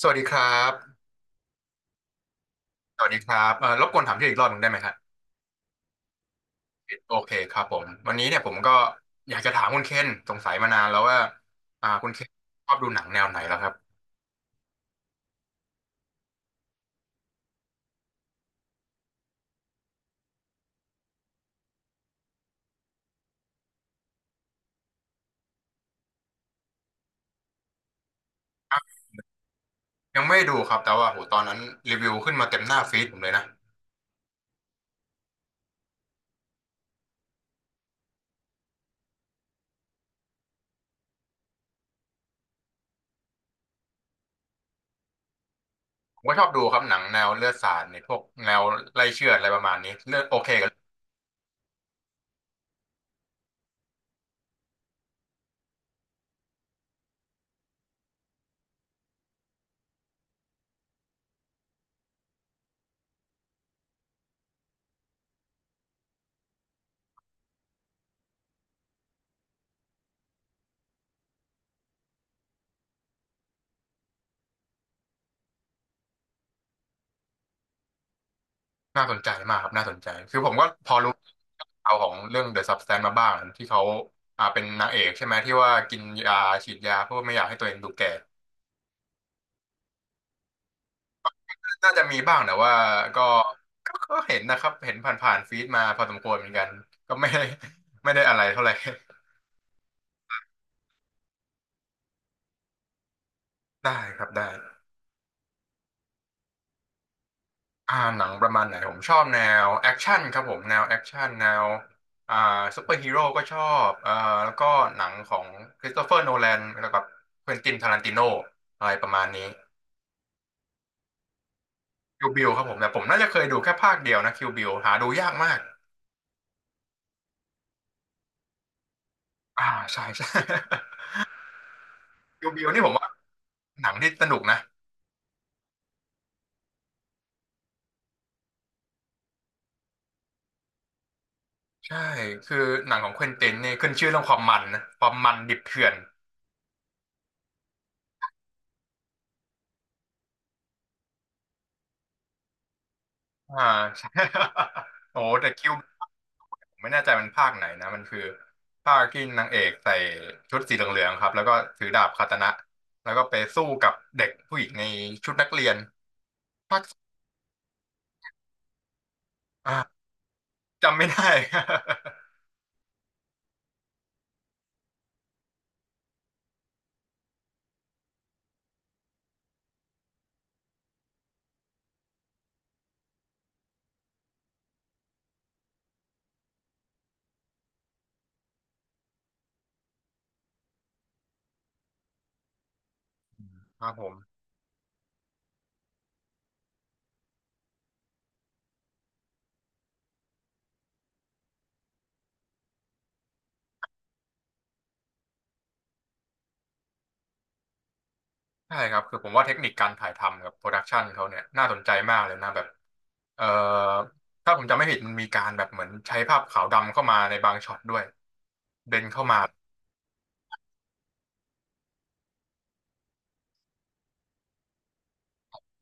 สวัสดีครับ สวัสดีครับรบกวนถามชื่ออีกรอบหนึ่งได้ไหมครับ โอเคครับผม วันนี้เนี่ยผมก็อยากจะถามคุณเคนสงสัยมานานแล้วว่าคุณเคนชอบดูหนังแนวไหนแล้วครับยังไม่ดูครับแต่ว่าโหตอนนั้นรีวิวขึ้นมาเต็มหน้าฟีดผมเลยนะผมก็ชอบดูครับหนังแนวเลือดสาดเนี่ยพวกแนวไล่เชือดอะไรประมาณนี้เลือดโอเคกับน่าสนใจมากครับน่าสนใจคือผมก็พอรู้เอาวของเรื่อง The Substance มาบ้างที่เขาเป็นนางเอกใช่ไหมที่ว่ากินยาฉีดยาเพื่อไม่อยากให้ตัวเองดูแก่ น่าจะมีบ้างแต่ว่าก็ก็เห็นนะครับเห็นผ่านๆฟีดมาพอสมควรเหมือนกันก็ไม่ได้ ไม่ได้อะไรเท่าไหร่ได้ครับได้หนังประมาณไหนผมชอบแนวแอคชั่นครับผมแนวแอคชั่นแนวอ่าซูเปอร์ฮีโร่ก็ชอบแล้วก็หนังของคริสโตเฟอร์โนแลนแล้วก็เควินตินทารันติโนอะไรประมาณนี้คิวบิลครับผมแต่ผมน่าจะเคยดูแค่ภาคเดียวนะคิวบิลหาดูยากมากอ่าใช่ใช่ คิวบิลนี่ผมว่าหนังที่สนุกนะ ใช่ คือหนังของเควินตินนี่ขึ้นชื่อเรื่องความมันนะความมันดิบเถื่อนอ่าใช่ โอ้แต่คิวผมไม่แน่ใจมันภาคไหนนะ มันคือภาคที่นางเอกใส่ชุดสีเหลืองๆครับ แล้วก็ถือดาบคาตานะ แล้วก็ไปสู้กับเด็กผู้หญิงในชุดนักเรียนภาคอ่าจำไม่ได้ ครับผม ใช่ครับคือผมว่าเทคนิคการถ่ายทำกับโปรดักชันเขาเนี่ยน่าสนใจมากเลยนะแบบเอ่อถ้าผมจำไม่ผิดมันมีการแบบเหมือนใช้ภาพขาวดำเข้ามาในบางช็อตด้วยเบนเข้ามา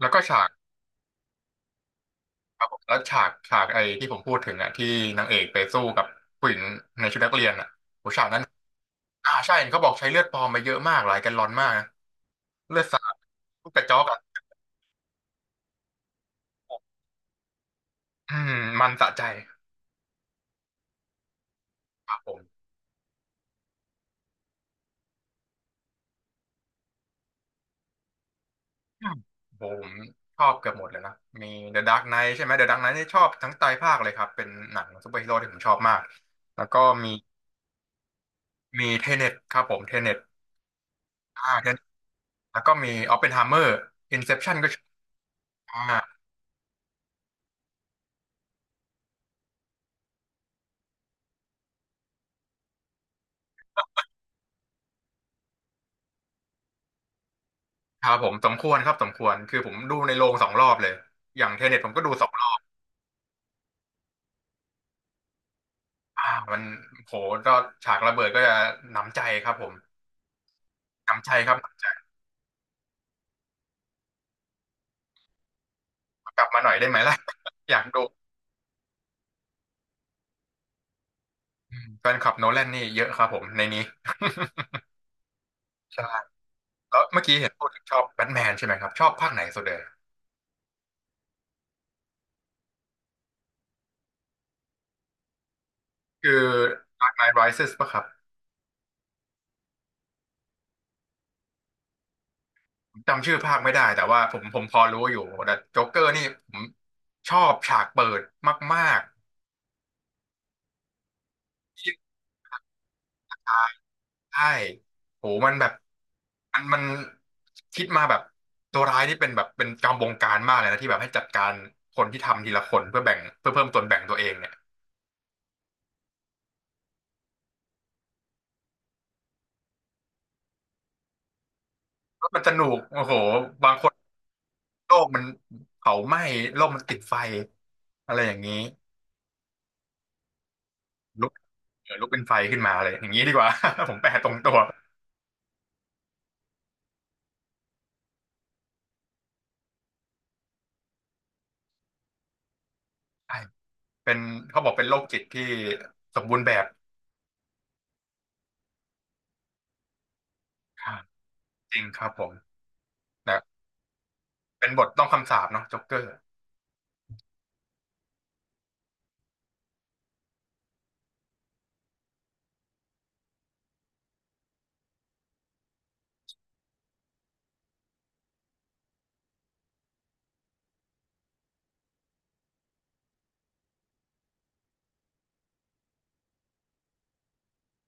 แล้วก็ฉากครับผมแล้วฉากไอ้ที่ผมพูดถึงอ่ะที่นางเอกไปสู้กับผู้หญิงในชุดนักเรียนอ่ะอ่าใช่เห็นเขาบอกใช้เลือดปลอมไปเยอะมากหลายแกลลอนมากนะเลือดสาดลูกกระจอกอ่ะอืมมันสะใจครับผม อืมผมชอบเกือบหมดเลยนะมี The Dark Knight ใช่ไหม The Dark Knight นี่ชอบทั้งไตรภาคเลยครับเป็นหนังซูเปอร์ฮีโร่ที่ผมชอบมากแล้วก็มีเทเนตครับผมเทเน t ตเทเนตแล้วก็มีออปเพนไฮเมอร์อินเซปชันก็ชอบอ่าครับผมสมควรครับสมควรคือผมดูในโรงสองรอบเลยอย่างเทเน t ตผมก็ดูสองรอบอ่ามันโหก็ฉากระเบิดก็จะหนำใจครับผมหนำใจครับหนำใจกลับมาหน่อยได้ไหมล่ะ อยากดูอืมแฟนคลับโนแลนนี่เยอะครับผมในนี้ ใช่ แล้วเมื่อกี้เห็นพูดถึงชอบแบทแมนใช่ไหมครับชอบภาคไหนสุดเลยคือ Dark Knight Rises ป่ะครับผมจำชื่อภาคไม่ได้แต่ว่าผมพอรู้อยู่แต่โจ๊กเกอร์นี่ผมชอบฉากเปิดมากๆที่ใช่โหมันแบบมันคิดมาแบบตัวร้ายนี่เป็นแบบเป็นจอมบงการมากเลยนะที่แบบให้จัดการคนที่ทำทีละคนเพื่อแบ่งเพื่อเพิ่มส่วนแบ่งตัวเองเนี่ยแล้วมันสนุกโอ้โหบางคนโลกมันเผาไหม้โลกมันติดไฟอะไรอย่างนี้ ลุกเออลุกเป็นไฟขึ้นมาเลยอย่างนี้ดีกว่า ผมแปลตรงตัวใช่เป็นเขาบอกเป็นโรคจิตที่สมบูรณ์แบบครับจริงครับผมนะเป็นบทต้องคำสาปเนาะจ็อกเกอร์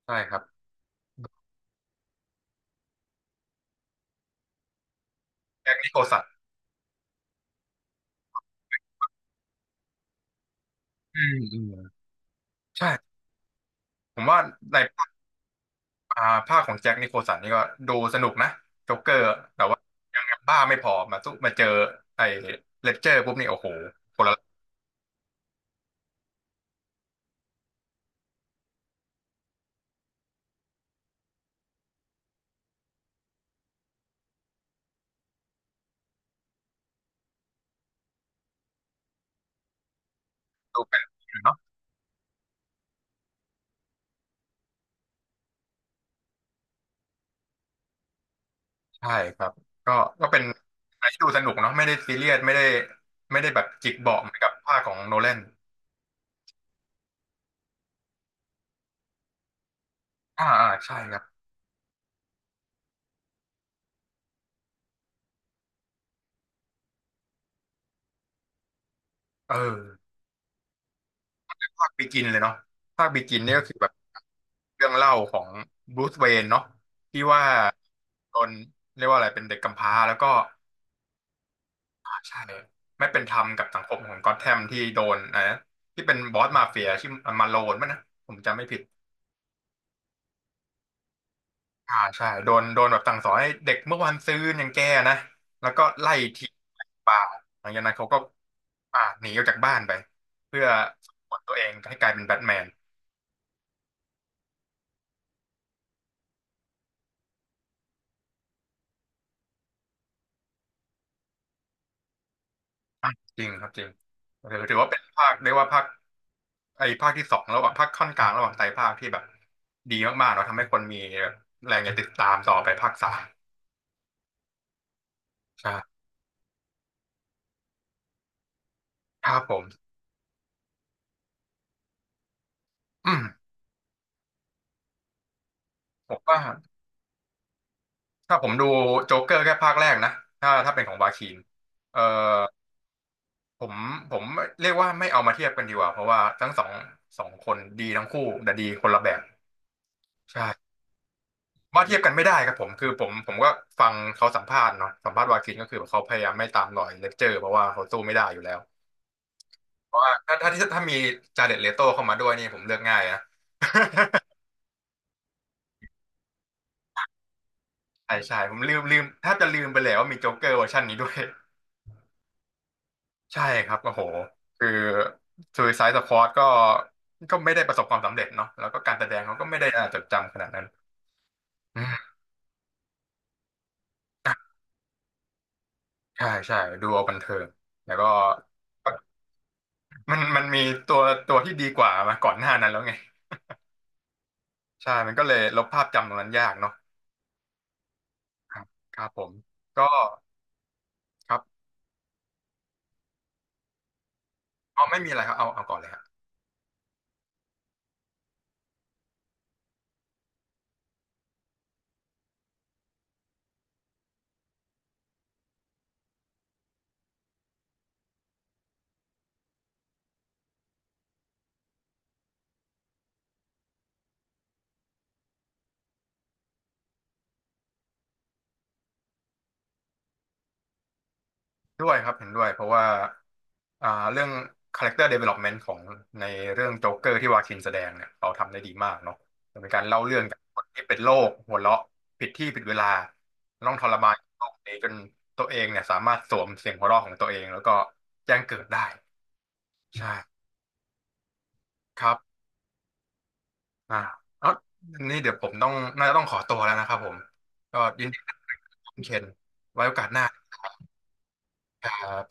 ใช่ครับแจ็คนิโคลสันอืมอืมใช่ผมว่าในอ่าภาคของแจ็คนิโคลสันนี่ก็ดูสนุกนะจ็อกเกอร์แต่ว่ายังบ้าไม่พอมาสู้มาเจอไอ้เลดเจอร์ปุ๊บนี่โอ้โหคนละดูเป็น ใช่ครับก็ก็เป็นอะไรที่ดูสนุกเนาะไม่ได้ซีเรียสไม่ได้ไม่ได้แบบจิกเบาะเหมือนกับภาคของโนแลนอ่าอ่าใช่ครับเออภาคบิกินเลยเนาะภาคบิกินเนี่ยก็คือแบบเรื่องเล่าของบรูซเวย์นเนาะที่ว่าโดนเรียกว่าอะไรเป็นเด็กกำพร้าแล้วก็อ่าใช่ไม่เป็นธรรมกับสังคมของก็อ t แ m มที่โดนนะที่เป็นบอสมาเฟียชื่อมาโลนมั้ยนะผมจำไม่ผิด อ่าใช่โดนแบบสั่งสอนให้เด็กเมื่อวานซืนอย่างแกนะแล้วก็ไล่ทิ้งไล่ป่าหลังจากนั้นเขาก็หนีออกจากบ้านไปเพื่อฝึกฝนตัวเองให้กลายเป็นแบทแมนอ่ะจริงครับจริงถือว่าเป็นภาคเรียกว่าภาคไอ้ภาคที่สองระหว่างภาคค่อนกลางระหว่างไตรภาคที่แบบดีมากๆเนาะทำให้คนมีแบบแรงจะติดตามต่อไปภาคสามใช่ครับผมอืมผมว่าถ้าผมดูโจ๊กเกอร์แค่ภาคแรกนะถ้าเป็นของวาคินเออ ผมผมเรียกว่าไม่เอามาเทียบกันดีกว่าเพราะว่าทั้งสองสองคนดีทั้งคู่แต่ดีคนละแบบใช่ว่าเทียบกันไม่ได้ครับผมคือผมก็ฟังเขาสัมภาษณ์เนาะสัมภาษณ์วากินก็คือเขาพยายามไม่ตามรอยเลคเจอร์เพราะว่าเขาสู้ไม่ได้อยู่แล้วเพราะว่าถ้ามีจาเด็ดเลโต้เข้ามาด้วยนี่ผมเลือกง่ายนะ ใช่ใช่ผมลืมแทบจะลืมไปแล้วว่ามีโจ๊กเกอร์เวอร์ชันนี้ด้วยใช่ครับโอ้โหคือ Suicide Squad ก็ไม่ได้ประสบความสำเร็จเนาะแล้วก็การแสดงเขาก็ไม่ได้น่าจดจำขนาดนั้น ใช่ใช่ดูเอาบันเทิงแล้วก็มันมีตัวตัวที่ดีกว่ามาก่อนหน้านั้นแล้วไงใช่มันก็เลยลบภาพจำตรงนั้นยากเนาะครับครับผมก็ครับเอาไม่มีอะไรครับเอาเอาก่อนเลยฮะ ด้วยครับเห็นด้วยเพราะว่าอ่าเรื่อง character development ของในเรื่องโจ๊กเกอร์ที่วาคินแสดงเนี่ยเขาทำได้ดีมากเนาะเป็นการเล่าเรื่องจากคนที่เป็นโรคหัวเราะผิดที่ผิดเวลาต้องทรมานโรคนี้จนตัวเองเนี่ยสามารถสวมเสียงหัวเราะของตัวเองแล้วก็แจ้งเกิดได้ใช่ครับอ่าเอานี่เดี๋ยวผมต้องน่าจะต้องขอตัวแล้วนะครับผมก็ยินดีที่ได้คุยกับคุณเคนไว้โอกาสหน้าครับ